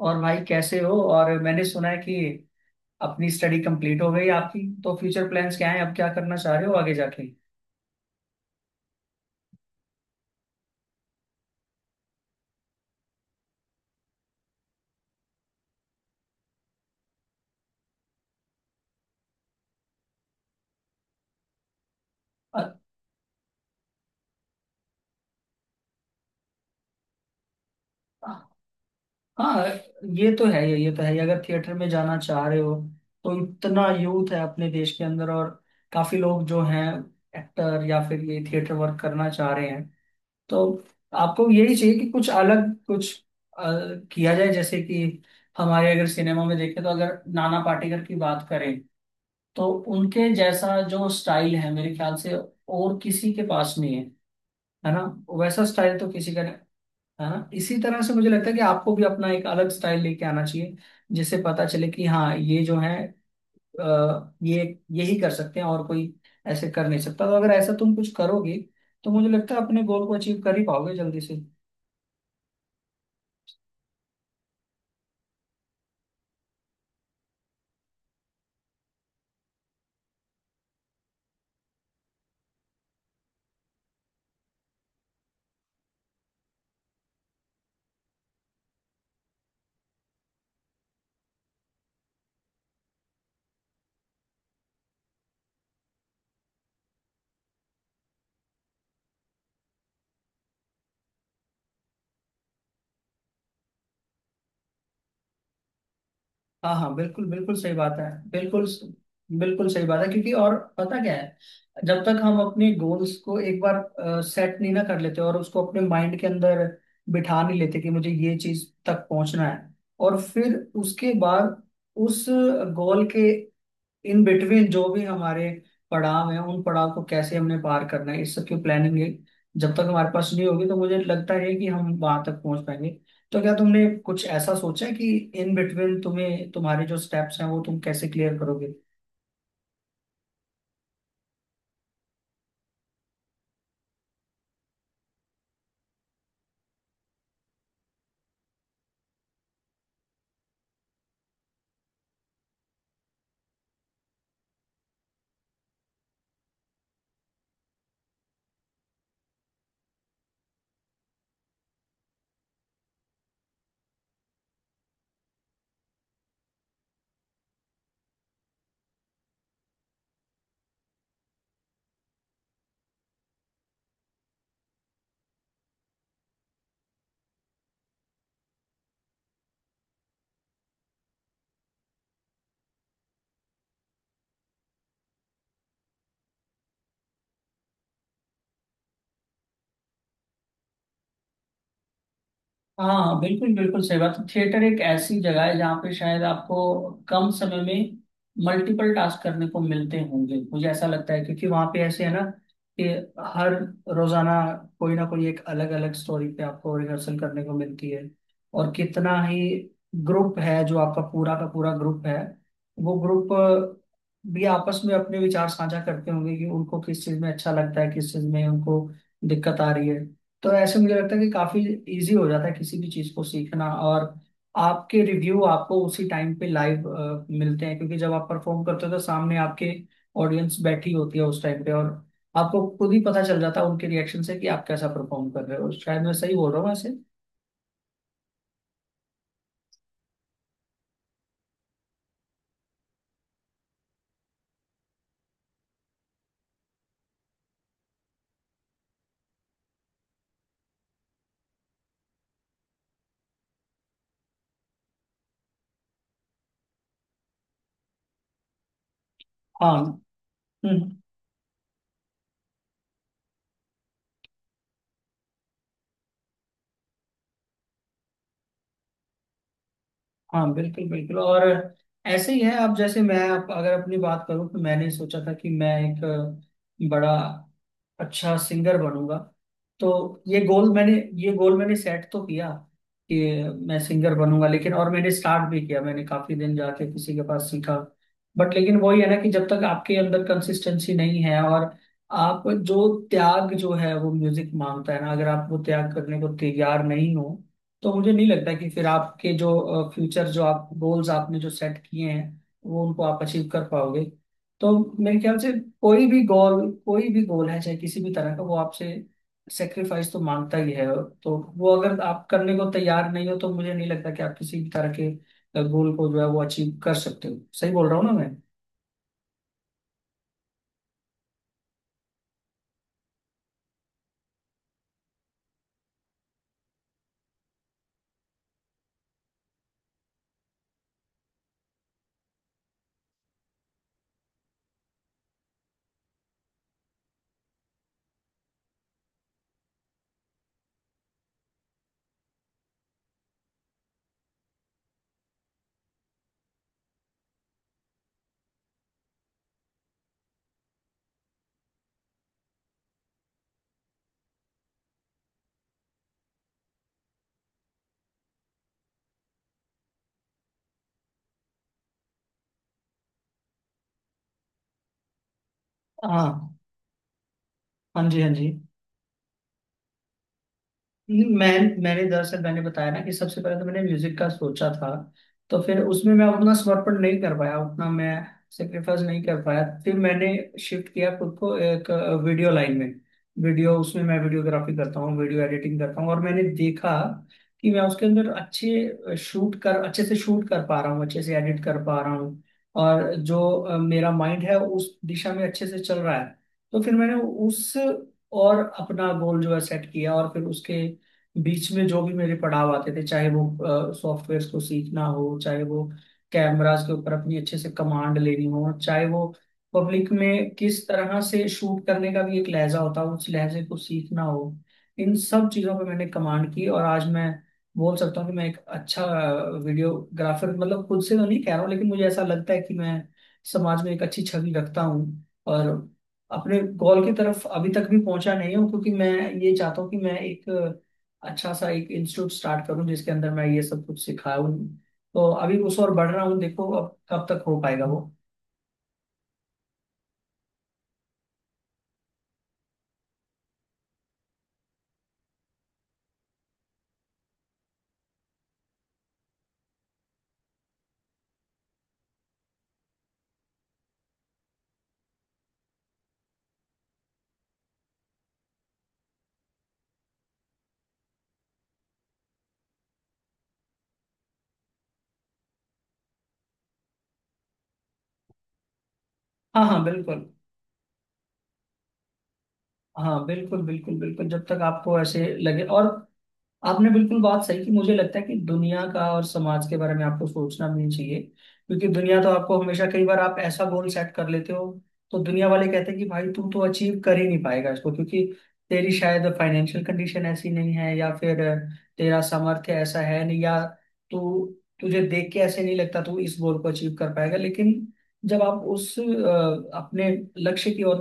और भाई कैसे हो? और मैंने सुना है कि अपनी स्टडी कंप्लीट हो गई आपकी, तो फ्यूचर प्लान्स क्या हैं? अब क्या करना चाह रहे हो आगे जाके? अ- हाँ, ये तो है, ये तो है। अगर थिएटर में जाना चाह रहे हो तो इतना यूथ है अपने देश के अंदर, और काफी लोग जो हैं एक्टर या फिर ये थिएटर वर्क करना चाह रहे हैं, तो आपको यही चाहिए कि कुछ अलग कुछ अ, किया जाए। जैसे कि हमारे अगर सिनेमा में देखें, तो अगर नाना पाटेकर की बात करें तो उनके जैसा जो स्टाइल है, मेरे ख्याल से और किसी के पास नहीं है। है ना? वैसा स्टाइल तो किसी का नहीं। है ना? इसी तरह से मुझे लगता है कि आपको भी अपना एक अलग स्टाइल लेके आना चाहिए, जिससे पता चले कि हाँ, ये जो है ये यही कर सकते हैं और कोई ऐसे कर नहीं सकता। तो अगर ऐसा तुम कुछ करोगे तो मुझे लगता है अपने गोल को अचीव कर ही पाओगे जल्दी से। हाँ हाँ, बिल्कुल, बिल्कुल सही बात है। बिल्कुल बिल्कुल सही बात है, क्योंकि और पता क्या है, जब तक हम अपने गोल्स को एक बार सेट नहीं ना कर लेते और उसको अपने माइंड के अंदर बिठा नहीं लेते कि मुझे ये चीज तक पहुंचना है, और फिर उसके बाद उस गोल के इन बिटवीन जो भी हमारे पड़ाव हैं, उन पड़ाव को कैसे हमने पार करना है, इस सब की प्लानिंग है। जब तक हमारे पास नहीं होगी तो मुझे लगता है कि हम वहां तक पहुंच पाएंगे। तो क्या तुमने कुछ ऐसा सोचा है कि इन बिटवीन तुम्हें तुम्हारे जो स्टेप्स हैं वो तुम कैसे क्लियर करोगे? हाँ बिल्कुल, बिल्कुल सही बात है। थिएटर एक ऐसी जगह है जहाँ पे शायद आपको कम समय में मल्टीपल टास्क करने को मिलते होंगे, मुझे ऐसा लगता है। क्योंकि वहाँ पे ऐसे है ना कि हर रोजाना कोई ना कोई एक अलग अलग स्टोरी पे आपको रिहर्सल करने को मिलती है। और कितना ही ग्रुप है, जो आपका पूरा का पूरा ग्रुप है वो ग्रुप भी आपस में अपने विचार साझा करते होंगे कि उनको किस चीज़ में अच्छा लगता है, किस चीज़ में उनको दिक्कत आ रही है। तो ऐसे मुझे लगता है कि काफी इजी हो जाता है किसी भी चीज को सीखना। और आपके रिव्यू आपको उसी टाइम पे लाइव मिलते हैं, क्योंकि जब आप परफॉर्म करते हो तो सामने आपके ऑडियंस बैठी होती है उस टाइम पे, और आपको खुद ही पता चल जाता है उनके रिएक्शन से कि आप कैसा परफॉर्म कर रहे हो। शायद मैं सही बोल रहा हूँ वैसे। हाँ, हम्म, हाँ बिल्कुल, बिल्कुल। और ऐसे ही है आप, जैसे मैं आप अगर अपनी बात करूँ तो मैंने सोचा था कि मैं एक बड़ा अच्छा सिंगर बनूंगा। तो ये गोल मैंने, ये गोल मैंने सेट तो किया कि मैं सिंगर बनूंगा, लेकिन और मैंने स्टार्ट भी किया, मैंने काफी दिन जाके किसी के पास सीखा, बट लेकिन वही है ना, कि जब तक आपके अंदर कंसिस्टेंसी नहीं है और आप जो त्याग जो है वो म्यूजिक मांगता है ना, अगर आप वो त्याग करने को तैयार नहीं हो तो मुझे नहीं लगता कि फिर आपके जो फ्यूचर, जो आप गोल्स आपने जो सेट किए हैं वो उनको आप अचीव कर पाओगे। तो मेरे ख्याल से कोई भी गोल, कोई भी गोल है चाहे किसी भी तरह का, वो आपसे सेक्रीफाइस तो मांगता ही है। तो वो अगर आप करने को तैयार नहीं हो तो मुझे नहीं लगता कि आप किसी भी तरह के गोल को जो है वो अचीव कर सकते हो। सही बोल रहा हूँ ना मैं? हाँ हाँ जी, हाँ जी। मैं मैंने दरअसल मैंने बताया ना कि सबसे पहले तो मैंने म्यूजिक का सोचा था, तो फिर उसमें मैं उतना समर्पण नहीं कर पाया, उतना मैं सेक्रीफाइस नहीं कर पाया। फिर मैंने शिफ्ट किया खुद को एक वीडियो लाइन में। वीडियो, उसमें मैं वीडियोग्राफी करता हूँ, वीडियो एडिटिंग करता हूँ। और मैंने देखा कि मैं उसके अंदर अच्छे शूट कर, अच्छे से शूट कर पा रहा हूँ, अच्छे से एडिट कर पा रहा हूँ। और जो मेरा माइंड है उस दिशा में अच्छे से चल रहा है। तो फिर मैंने उस और अपना गोल जो है सेट किया, और फिर उसके बीच में जो भी मेरे पड़ाव आते थे, चाहे वो सॉफ्टवेयर को सीखना हो, चाहे वो कैमरास के ऊपर अपनी अच्छे से कमांड लेनी हो, चाहे वो पब्लिक में किस तरह से शूट करने का भी एक लहजा होता हो, उस लहजे को सीखना हो, इन सब चीज़ों पे मैंने कमांड की। और आज मैं बोल सकता हूँ कि मैं एक अच्छा वीडियोग्राफर, मतलब खुद से तो नहीं कह रहा हूँ, लेकिन मुझे ऐसा लगता है कि मैं समाज में एक अच्छी छवि रखता हूँ। और अपने गोल की तरफ अभी तक भी पहुंचा नहीं हूँ, क्योंकि मैं ये चाहता हूँ कि मैं एक अच्छा सा एक इंस्टीट्यूट स्टार्ट करूँ, जिसके अंदर मैं ये सब कुछ सिखाऊं। तो अभी उस और बढ़ रहा हूँ, देखो अब कब तक हो पाएगा वो। हाँ हाँ, बिल्कुल। हाँ, बिल्कुल बिल्कुल बिल्कुल। जब तक आपको ऐसे लगे, और आपने बिल्कुल बात सही की, मुझे लगता है कि दुनिया का और समाज के बारे में आपको सोचना भी नहीं चाहिए। क्योंकि दुनिया तो आपको हमेशा, कई बार आप ऐसा गोल सेट कर लेते हो तो दुनिया वाले कहते हैं कि भाई तू तो अचीव कर ही नहीं पाएगा इसको, क्योंकि तेरी शायद फाइनेंशियल कंडीशन ऐसी नहीं है, या फिर तेरा सामर्थ्य ऐसा है नहीं, या तू, तुझे देख के ऐसे नहीं लगता तू इस गोल को अचीव कर पाएगा। लेकिन जब आप उस अपने लक्ष्य की ओर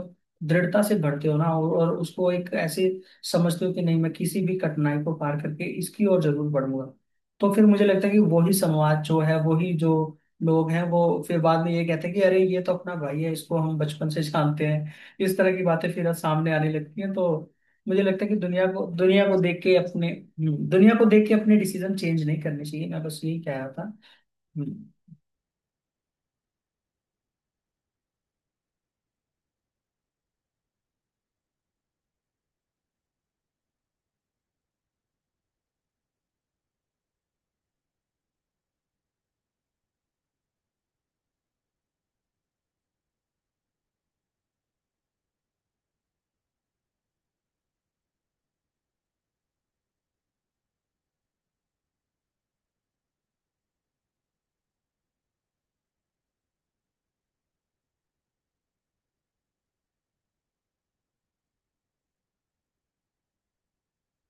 दृढ़ता से बढ़ते हो ना, और उसको एक ऐसे समझती हूँ कि नहीं, मैं किसी भी कठिनाई को पार करके इसकी ओर जरूर बढ़ूंगा, तो फिर मुझे लगता है कि वही समाज जो है, वही जो लोग हैं वो फिर बाद में ये कहते हैं कि अरे ये तो अपना भाई है, इसको हम बचपन से जानते हैं। इस तरह की बातें फिर सामने आने लगती हैं। तो मुझे लगता है कि दुनिया को देख के अपने, दुनिया को देख के अपने डिसीजन चेंज नहीं करने चाहिए। मैं बस यही कह रहा था। हम्म,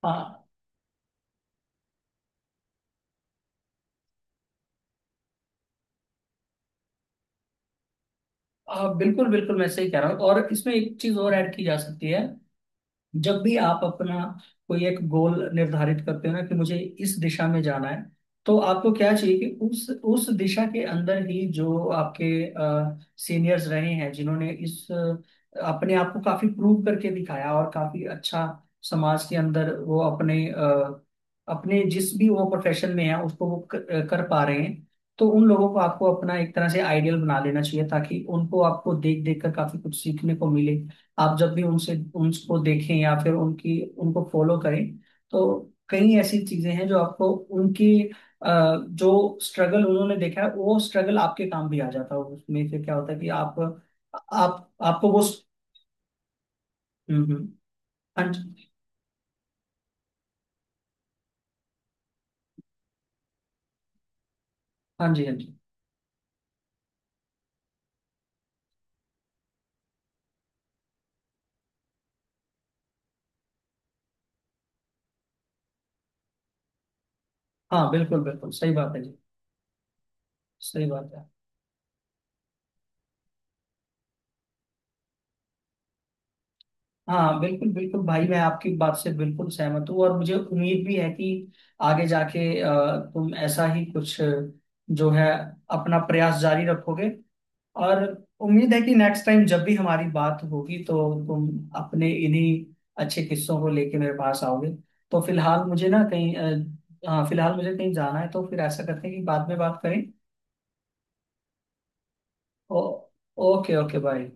हाँ हाँ, बिल्कुल बिल्कुल, मैं सही कह रहा हूँ। और इसमें एक चीज और ऐड की जा सकती है। जब भी आप अपना कोई एक गोल निर्धारित करते हो ना कि मुझे इस दिशा में जाना है, तो आपको क्या चाहिए कि उस दिशा के अंदर ही जो आपके सीनियर्स रहे हैं, जिन्होंने इस अपने आप को काफी प्रूव करके दिखाया और काफी अच्छा समाज के अंदर वो अपने अपने जिस भी वो प्रोफेशन में है उसको वो कर, कर पा रहे हैं, तो उन लोगों को आपको अपना एक तरह से आइडियल बना लेना चाहिए, ताकि उनको आपको देख देख कर काफी कुछ सीखने को मिले। आप जब भी उनसे उनको देखें या फिर उनकी उनको फॉलो करें, तो कई ऐसी चीजें हैं जो आपको उनकी जो स्ट्रगल उन्होंने देखा है, वो स्ट्रगल आपके काम भी आ जाता है। उसमें से क्या होता है कि आप, आपको वो, हम्म। हाँ जी हाँ जी। हाँ जी, हाँ बिल्कुल, बिल्कुल सही बात है जी, सही बात है। हाँ बिल्कुल, बिल्कुल भाई, मैं आपकी बात से बिल्कुल सहमत हूँ, और मुझे उम्मीद भी है कि आगे जाके तुम ऐसा ही कुछ जो है अपना प्रयास जारी रखोगे। और उम्मीद है कि नेक्स्ट टाइम जब भी हमारी बात होगी तो तुम अपने इन्हीं अच्छे किस्सों को लेके मेरे पास आओगे। तो फिलहाल मुझे ना कहीं हाँ, फिलहाल मुझे कहीं जाना है तो फिर ऐसा करते हैं कि बाद में बात करें। ओ, ओके ओके, बाय।